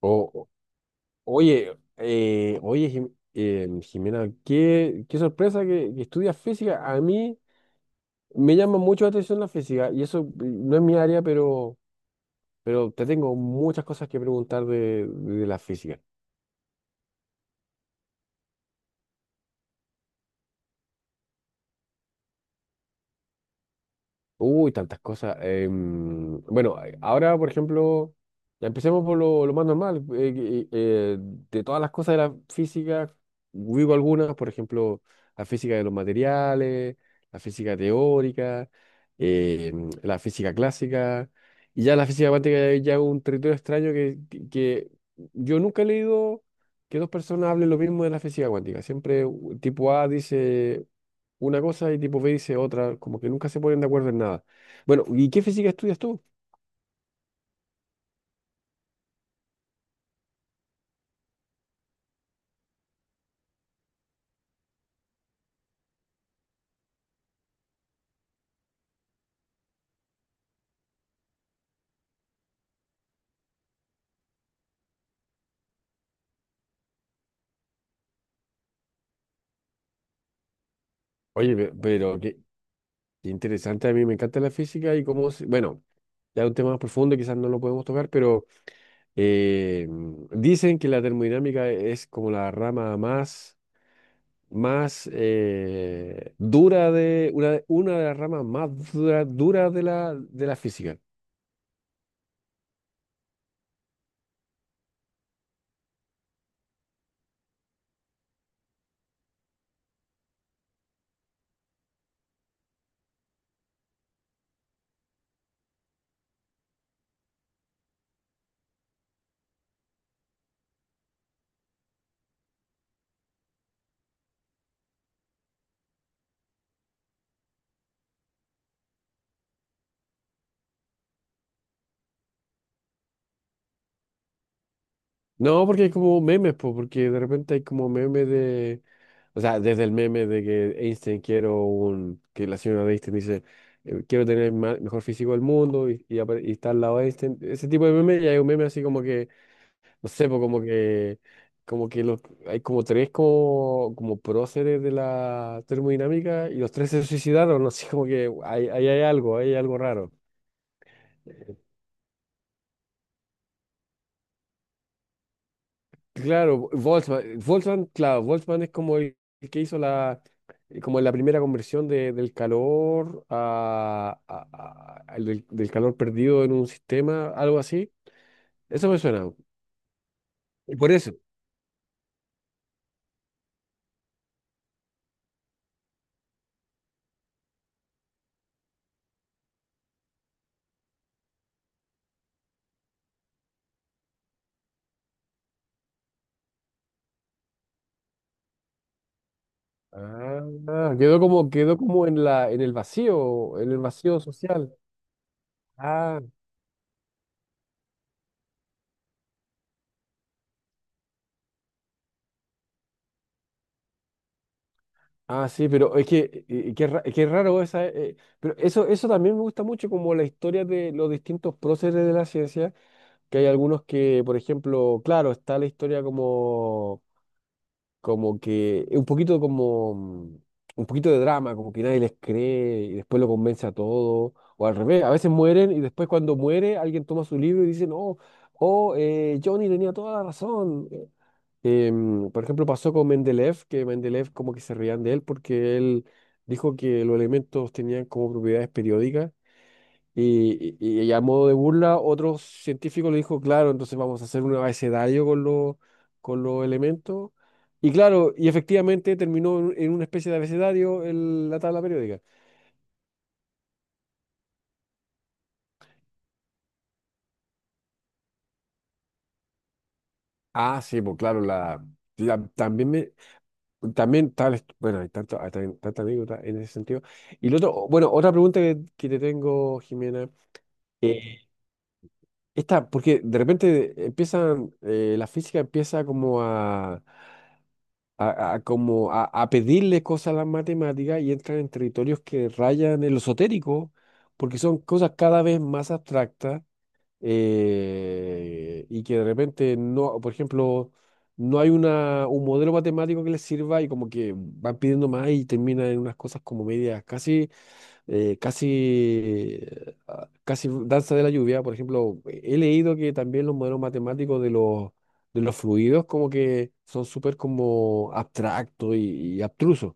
O- o- oye, Jimena, qué sorpresa que estudias física. A mí me llama mucho la atención la física y eso, no es mi área, pero te tengo muchas cosas que preguntar de la física. Uy, tantas cosas. Bueno, ahora, por ejemplo, ya empecemos por lo más normal. De todas las cosas de la física, vivo algunas, por ejemplo, la física de los materiales, la física teórica, la física clásica, y ya la física cuántica ya es un territorio extraño que yo nunca he leído que dos personas hablen lo mismo de la física cuántica. Siempre tipo A dice una cosa y tipo B dice otra, como que nunca se ponen de acuerdo en nada. Bueno, ¿y qué física estudias tú? Oye, pero qué interesante. A mí me encanta la física y bueno, ya es un tema más profundo, quizás no lo podemos tocar, pero eh, dicen que la termodinámica es como la rama más dura, de, una, de las ramas más dura de de la física. No, porque hay como memes, porque de repente hay como memes. De, o sea, desde el meme de que Einstein quiero un, que la señora de Einstein dice: «Quiero tener el mejor físico del mundo», y está al lado de Einstein, ese tipo de memes. Y hay un meme así como que, no sé, po, como que los, hay como tres, como próceres de la termodinámica, y los tres se suicidaron. no sé, como que hay, ahí hay algo raro. Claro, Volkswagen, Volkswagen, claro, Volkswagen es como el que hizo la, como la primera conversión del calor a- al del, del calor perdido en un sistema, algo así. Eso me suena. Y por eso. Ah, quedó como en en el vacío social. Ah, ah, sí, pero es que, qué raro esa. Pero eso, también me gusta mucho, como la historia de los distintos próceres de la ciencia, que hay algunos que, por ejemplo, claro, está la historia como, como que, un poquito como, mm, un poquito de drama, como que nadie les cree y después lo convence a todo, o al revés: a veces mueren y después, cuando muere alguien, toma su libro y dice: «No, oh, Johnny tenía toda la razón». Por ejemplo, pasó con Mendeleev, que Mendeleev, como que se reían de él porque él dijo que los elementos tenían como propiedades periódicas, y a modo de burla, otro científico le dijo: «Claro, entonces vamos a hacer un abecedario con con los elementos». Y claro, y efectivamente terminó en una especie de abecedario la tabla periódica. Ah, sí, pues claro, la- también me, también tal, bueno, hay tanta anécdota en ese sentido. Y lo otro, bueno, otra pregunta que te tengo, Jimena. eh, Esta: porque de repente la física empieza como a pedirle cosas a las matemáticas y entran en territorios que rayan en lo esotérico, porque son cosas cada vez más abstractas. Y que de repente no, por ejemplo, no hay un modelo matemático que les sirva, y como que van pidiendo más y terminan en unas cosas como medias, casi danza de la lluvia. Por ejemplo, he leído que también los modelos matemáticos de los fluidos, como que son súper como abstractos y abstrusos.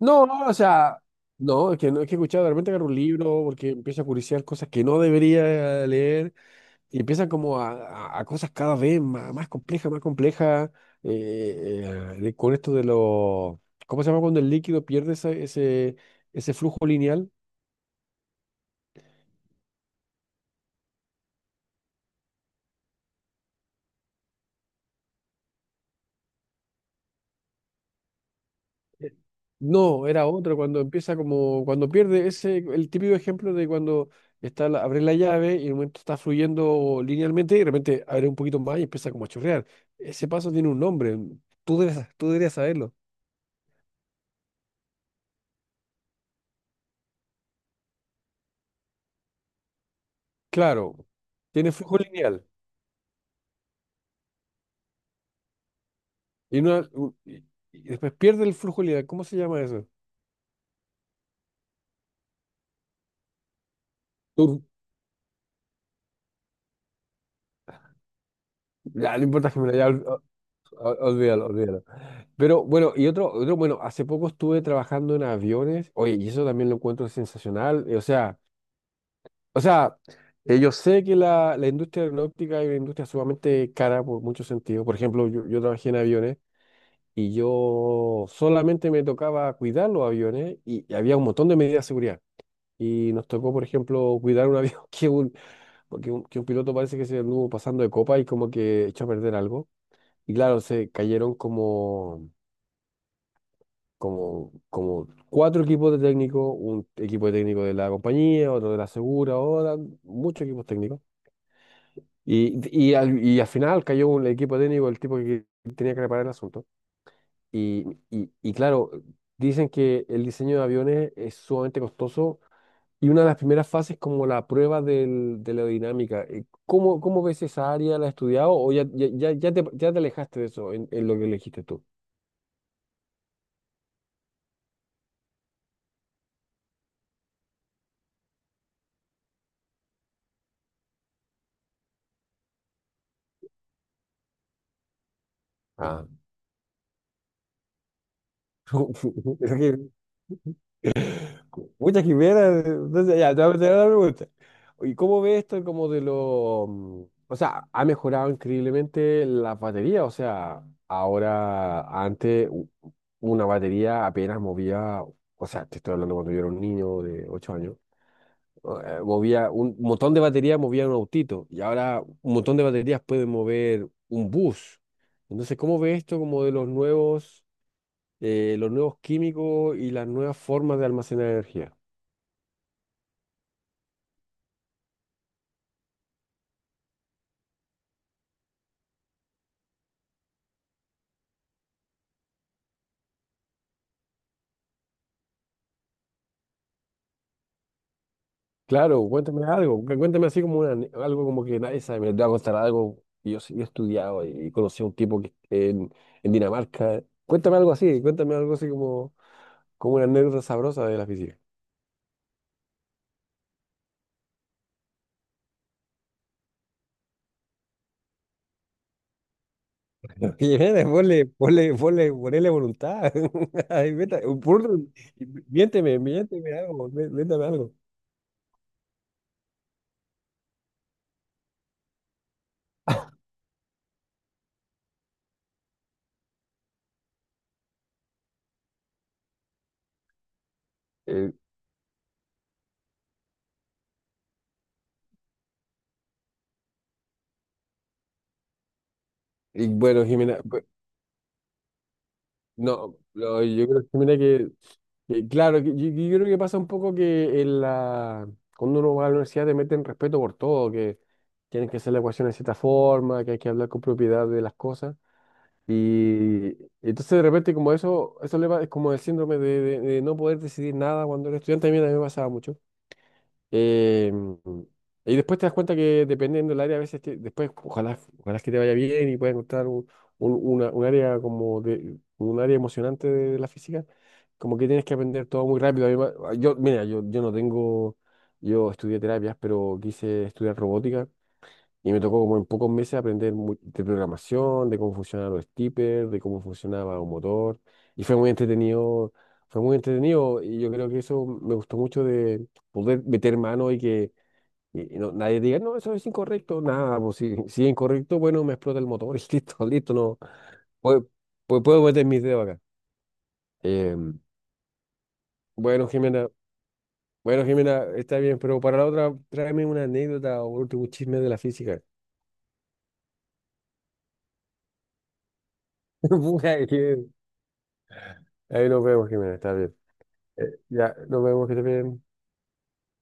No, no, o sea, no, es que he escuchado, de repente agarro un libro porque empiezo a curiosear cosas que no debería leer, y empiezan como a cosas cada vez más, más complejas, más complejas. eh, con esto de los, ¿cómo se llama cuando el líquido pierde ese, ese, flujo lineal? Eh, No, era otro, cuando cuando pierde, ese, el típico ejemplo de cuando abre la llave y en un momento está fluyendo linealmente y de repente abre un poquito más y empieza como a chorrear. Ese paso tiene un nombre, tú deberías saberlo. Claro, tiene flujo lineal, y, una- u- y- y después pierde el flujo lineal. ¿Cómo se llama eso? Tú- ya, no importa, que me la ya, olvídalo, olvídalo. Pero bueno, y otro, bueno, hace poco estuve trabajando en aviones, oye, y eso también lo encuentro sensacional. O sea, yo sé que la industria aeronáutica es una industria sumamente cara por muchos sentidos. Por ejemplo, yo trabajé en aviones, y yo solamente me tocaba cuidar los aviones, y había un montón de medidas de seguridad. Y nos tocó, por ejemplo, cuidar un avión que un piloto parece que se anduvo pasando de copa y como que echó a perder algo. Y claro, se cayeron como, cuatro equipos de técnicos: un equipo de técnico de la compañía, otro de la segura, muchos equipos técnicos. Y y al final cayó un equipo técnico, el tipo que tenía que reparar el asunto. Y claro, dicen que el diseño de aviones es sumamente costoso, y una de las primeras fases es como la prueba de la aerodinámica. Cómo ves esa área? ¿La has estudiado, o ya te alejaste de eso en, lo que elegiste tú? Ah, muchas quimeras. Entonces, ya, te voy a hacer otra pregunta. ¿Y cómo ves esto, como de O sea, ha mejorado increíblemente la batería. O sea, ahora, antes, una batería apenas movía... O sea, te estoy hablando cuando yo era un niño de 8 años. Movía un montón de baterías, movía un autito, y ahora un montón de baterías pueden mover un bus. Entonces, ¿cómo ves esto, como de los nuevos químicos y las nuevas formas de almacenar energía? Claro, cuéntame algo, cuéntame así como algo como que nadie sabe, me te va a contar algo. Y yo, yo he estudiado y conocí a un tipo que en, Dinamarca. Cuéntame algo así, como una anécdota sabrosa de la física. Oye, nene, ponle, ponle, ponle, ponele voluntad. Ay, miénteme algo, métame algo. Eh, y bueno, Jimena, pues, no, yo creo que, mira, que claro, que yo creo que pasa un poco que en la, cuando uno va a la universidad, te meten respeto por todo, que tienen que hacer la ecuación de cierta forma, que hay que hablar con propiedad de las cosas. Y entonces, de repente, como eso le va, es como el síndrome de no poder decidir nada cuando eres estudiante. A mí también me pasaba mucho. Eh, y después te das cuenta que, dependiendo del área, a veces después, ojalá, ojalá que te vaya bien y puedas encontrar un área como de, un área emocionante de la física, como que tienes que aprender todo muy rápido. Yo, mira, yo no tengo, yo estudié terapias, pero quise estudiar robótica, y me tocó como en pocos meses aprender de programación, de cómo funcionaban los steppers, de cómo funcionaba un motor. Y fue muy entretenido, fue muy entretenido. Y yo creo que eso me gustó mucho, de poder meter mano, y que nadie diga: «No, eso es incorrecto». Nada, pues si si es incorrecto, bueno, me explota el motor y listo, listo, no. Puedo, puedo meter mis dedos acá. Eh, bueno, Jimena, está bien, pero para la otra, tráeme una anécdota o un último un chisme de la física. Puta, ahí nos vemos, Jimena, está bien. Ya, nos vemos, que te bien.